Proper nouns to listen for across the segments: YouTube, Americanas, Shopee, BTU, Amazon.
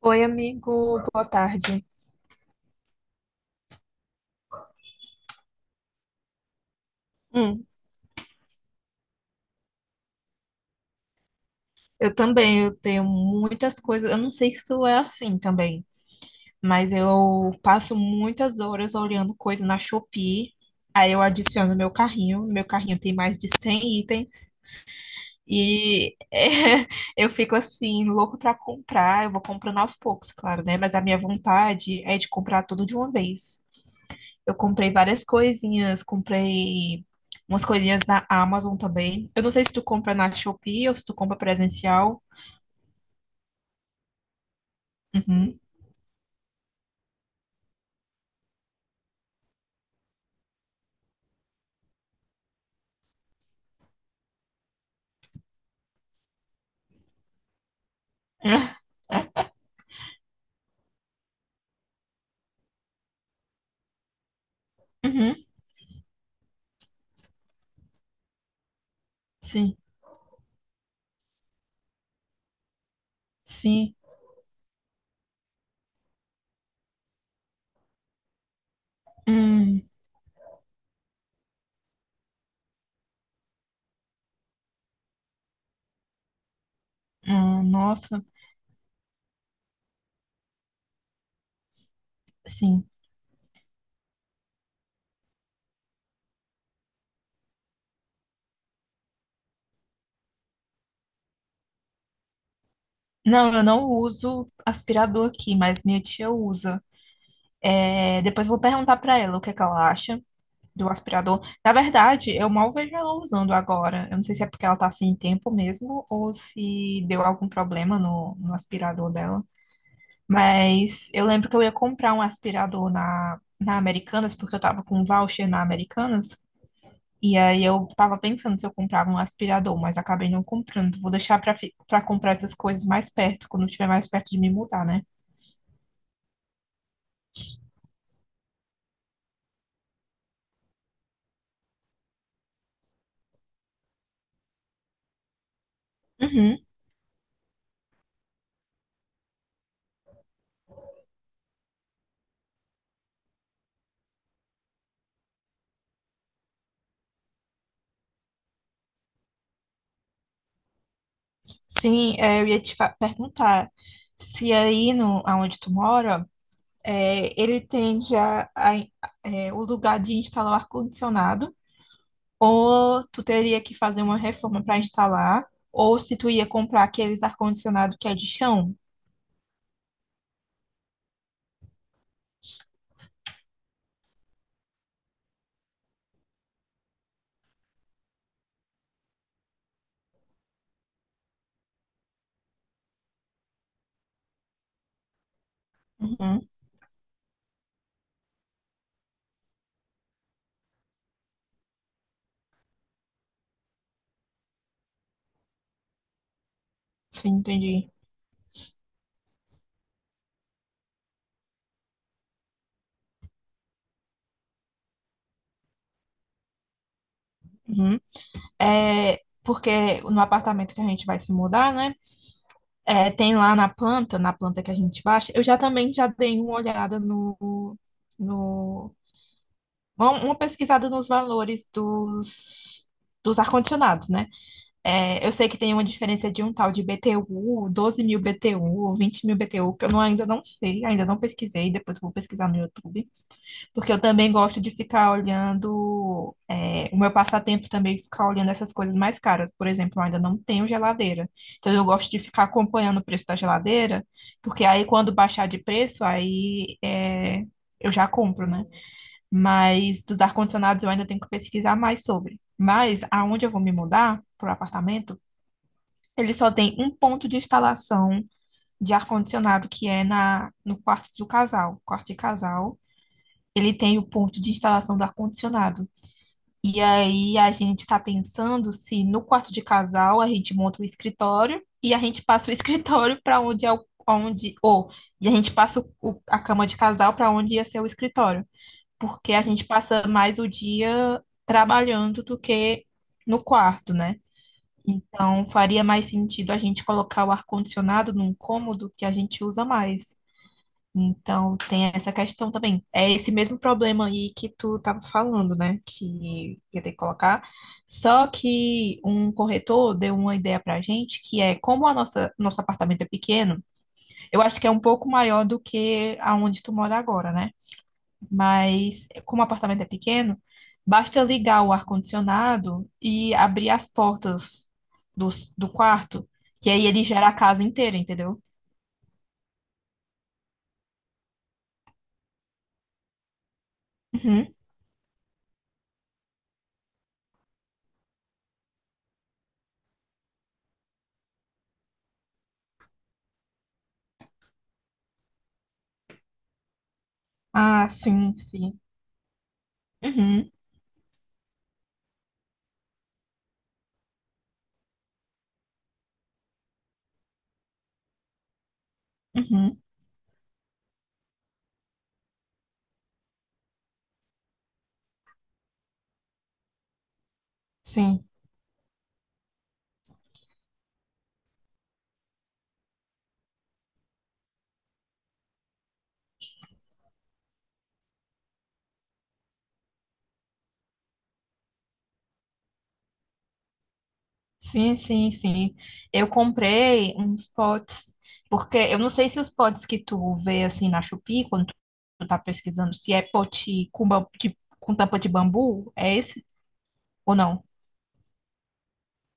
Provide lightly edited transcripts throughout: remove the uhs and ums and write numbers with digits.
Oi, amigo, boa tarde. Hum, Eu também, eu tenho muitas coisas, eu não sei se isso é assim também, mas eu passo muitas horas olhando coisa na Shopee, aí eu adiciono no meu carrinho tem mais de 100 itens, e eu fico assim, louco pra comprar, eu vou comprando aos poucos, claro, né? Mas a minha vontade é de comprar tudo de uma vez. Eu comprei várias coisinhas, comprei umas coisinhas na Amazon também. Eu não sei se tu compra na Shopee ou se tu compra presencial. Uhum. Uhum. Sim, sim. Hum, nossa, sim. Não, eu não uso aspirador aqui, mas minha tia usa. É, depois eu vou perguntar pra ela o que é que ela acha do aspirador. Na verdade, eu mal vejo ela usando agora. Eu não sei se é porque ela tá sem tempo mesmo ou se deu algum problema no aspirador dela. Mas eu lembro que eu ia comprar um aspirador na Americanas, porque eu tava com um voucher na Americanas. E aí eu tava pensando se eu comprava um aspirador, mas acabei não comprando. Vou deixar pra comprar essas coisas mais perto, quando estiver mais perto de me mudar, né? Uhum. Sim, é, eu ia te perguntar se aí no, aonde tu mora, é, ele tem já é, o lugar de instalar o ar-condicionado. Ou tu teria que fazer uma reforma para instalar, ou se tu ia comprar aqueles ar-condicionado que é de chão. Uhum, sim, entendi. Uhum. É, porque no apartamento que a gente vai se mudar, né? É, tem lá na planta que a gente baixa, eu já também já dei uma olhada no uma pesquisada nos valores dos ar-condicionados, né? É, eu sei que tem uma diferença de um tal de BTU, 12.000 BTU, 20.000 BTU, que eu ainda não sei, ainda não pesquisei, depois eu vou pesquisar no YouTube, porque eu também gosto de ficar olhando, é, o meu passatempo também é ficar olhando essas coisas mais caras. Por exemplo, eu ainda não tenho geladeira, então eu gosto de ficar acompanhando o preço da geladeira, porque aí quando baixar de preço, aí é, eu já compro, né? Mas dos ar-condicionados eu ainda tenho que pesquisar mais sobre. Mas aonde eu vou me mudar, para o apartamento, ele só tem um ponto de instalação de ar-condicionado, que é no quarto do casal. Quarto de casal, ele tem o ponto de instalação do ar-condicionado. E aí a gente está pensando se no quarto de casal a gente monta o escritório e a gente passa o escritório para onde é o. Onde, ou, e a gente passa a cama de casal para onde ia ser o escritório. Porque a gente passa mais o dia trabalhando do que no quarto, né? Então, faria mais sentido a gente colocar o ar-condicionado num cômodo que a gente usa mais. Então, tem essa questão também. É esse mesmo problema aí que tu estava falando, né? Que ia ter que colocar. Só que um corretor deu uma ideia pra gente, que é como nosso apartamento é pequeno, eu acho que é um pouco maior do que aonde tu mora agora, né? Mas como o apartamento é pequeno, basta ligar o ar-condicionado e abrir as portas do, do quarto, que aí ele gera a casa inteira, entendeu? Uhum. Ah, sim, sim. Uhum, uhum, sim. Sim, sim, sim. Eu comprei uns potes, porque eu não sei se os potes que tu vê assim na Shopee, quando tu tá pesquisando, se é pote com tampa de bambu, é esse ou não?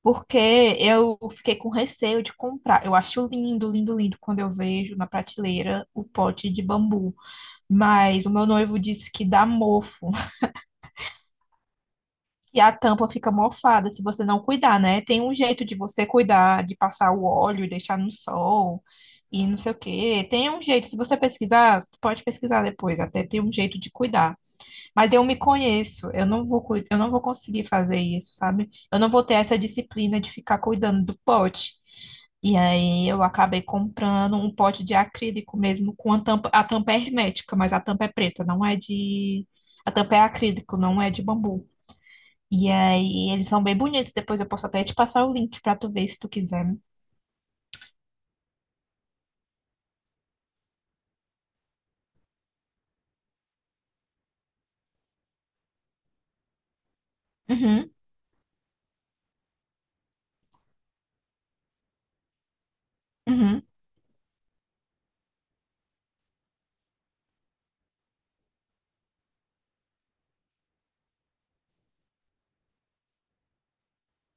Porque eu fiquei com receio de comprar. Eu acho lindo, lindo, lindo quando eu vejo na prateleira o pote de bambu. Mas o meu noivo disse que dá mofo. E a tampa fica mofada se você não cuidar, né? Tem um jeito de você cuidar, de passar o óleo e deixar no sol e não sei o quê. Tem um jeito. Se você pesquisar, pode pesquisar depois. Até tem um jeito de cuidar. Mas eu me conheço, eu não vou conseguir fazer isso, sabe? Eu não vou ter essa disciplina de ficar cuidando do pote. E aí eu acabei comprando um pote de acrílico mesmo com a tampa é hermética, mas a tampa é preta, não é de, a tampa é acrílico, não é de bambu. E aí eles são bem bonitos, depois eu posso até te passar o link pra tu ver se tu quiser. Uhum, uhum,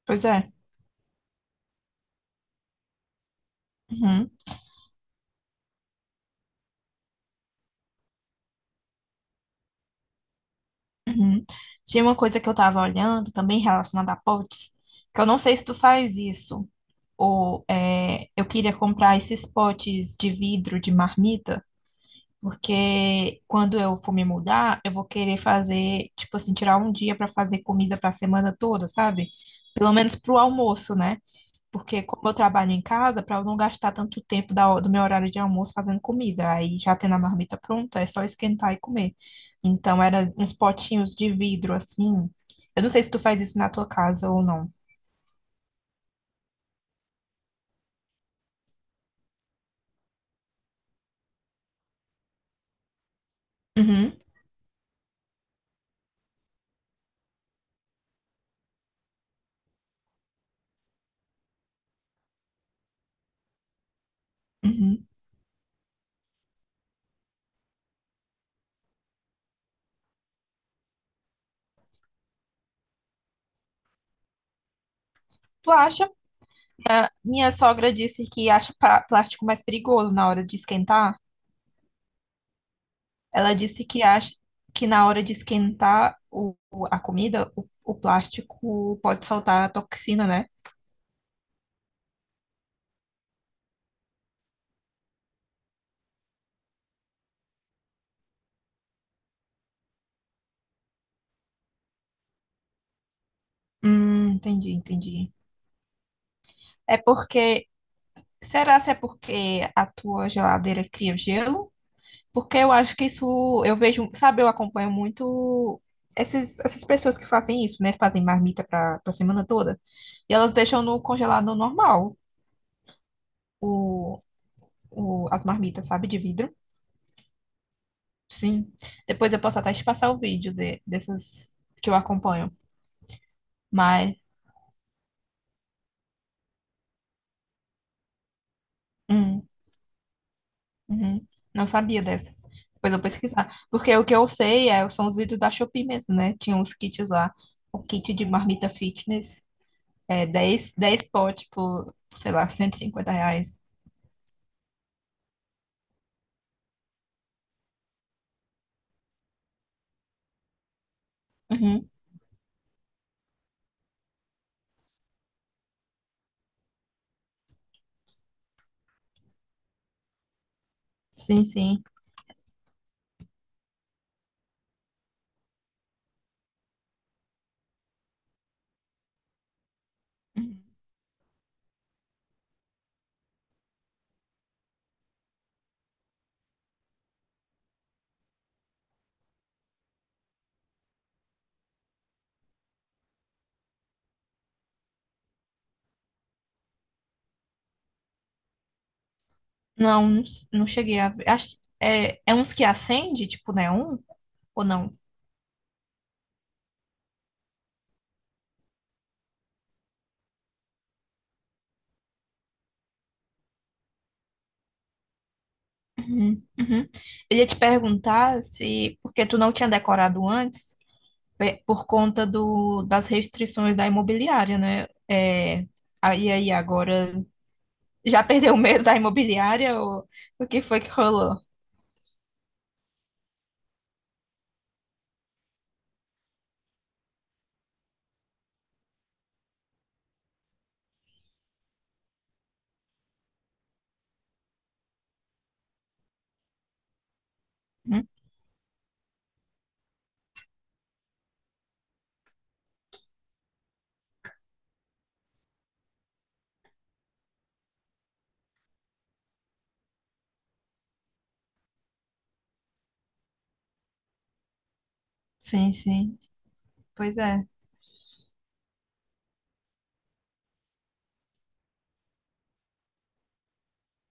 pois é. Uhum. Uhum. Tinha uma coisa que eu tava olhando também relacionada a potes, que eu não sei se tu faz isso, ou é, eu queria comprar esses potes de vidro de marmita, porque quando eu for me mudar, eu vou querer fazer, tipo assim, tirar um dia pra fazer comida pra semana toda, sabe? Pelo menos pro almoço, né? Porque como eu trabalho em casa, para eu não gastar tanto tempo do meu horário de almoço fazendo comida, aí já tendo a marmita pronta, é só esquentar e comer. Então era uns potinhos de vidro assim. Eu não sei se tu faz isso na tua casa ou não. Uhum, uhum. Tu acha? Minha sogra disse que acha plástico mais perigoso na hora de esquentar. Ela disse que acha que na hora de esquentar a comida, o plástico pode soltar a toxina, né? Entendi, entendi. É porque. Será se é porque a tua geladeira cria gelo? Porque eu acho que isso, eu vejo, sabe, eu acompanho muito essas pessoas que fazem isso, né? Fazem marmita para a semana toda. E elas deixam no congelado normal o, as marmitas, sabe, de vidro. Sim. Depois eu posso até te passar o vídeo dessas que eu acompanho. Mas, hum. Uhum. Não sabia dessa. Depois eu vou pesquisar. Porque o que eu sei é, são os vídeos da Shopee mesmo, né? Tinha uns kits lá. O kit de marmita fitness. É dez potes por, sei lá, R$ 150. Uhum. Sim, sim. Uhum. Não, não, não cheguei a ver. Acho, é uns que acende, tipo neon? Ou não? Uhum. Uhum. Eu ia te perguntar se... Porque tu não tinha decorado antes. Por conta das restrições da imobiliária, né? É, aí, agora, já perdeu o medo da imobiliária ou o que foi que rolou? Hum? Sim, sim. Pois é.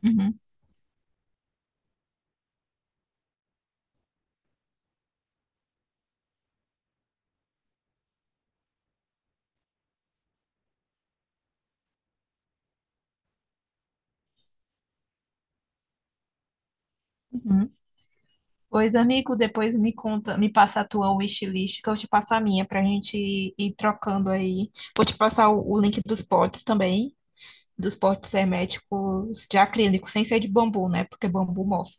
Uhum, uhum. Pois, amigo, depois me conta, me passa a tua wishlist, que eu te passo a minha, pra gente ir trocando aí. Vou te passar o link dos potes também, dos potes herméticos de acrílico, sem ser de bambu, né? Porque bambu mofa.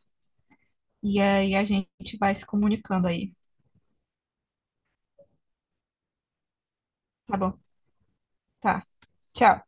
E aí a gente vai se comunicando aí. Tá bom? Tá. Tchau.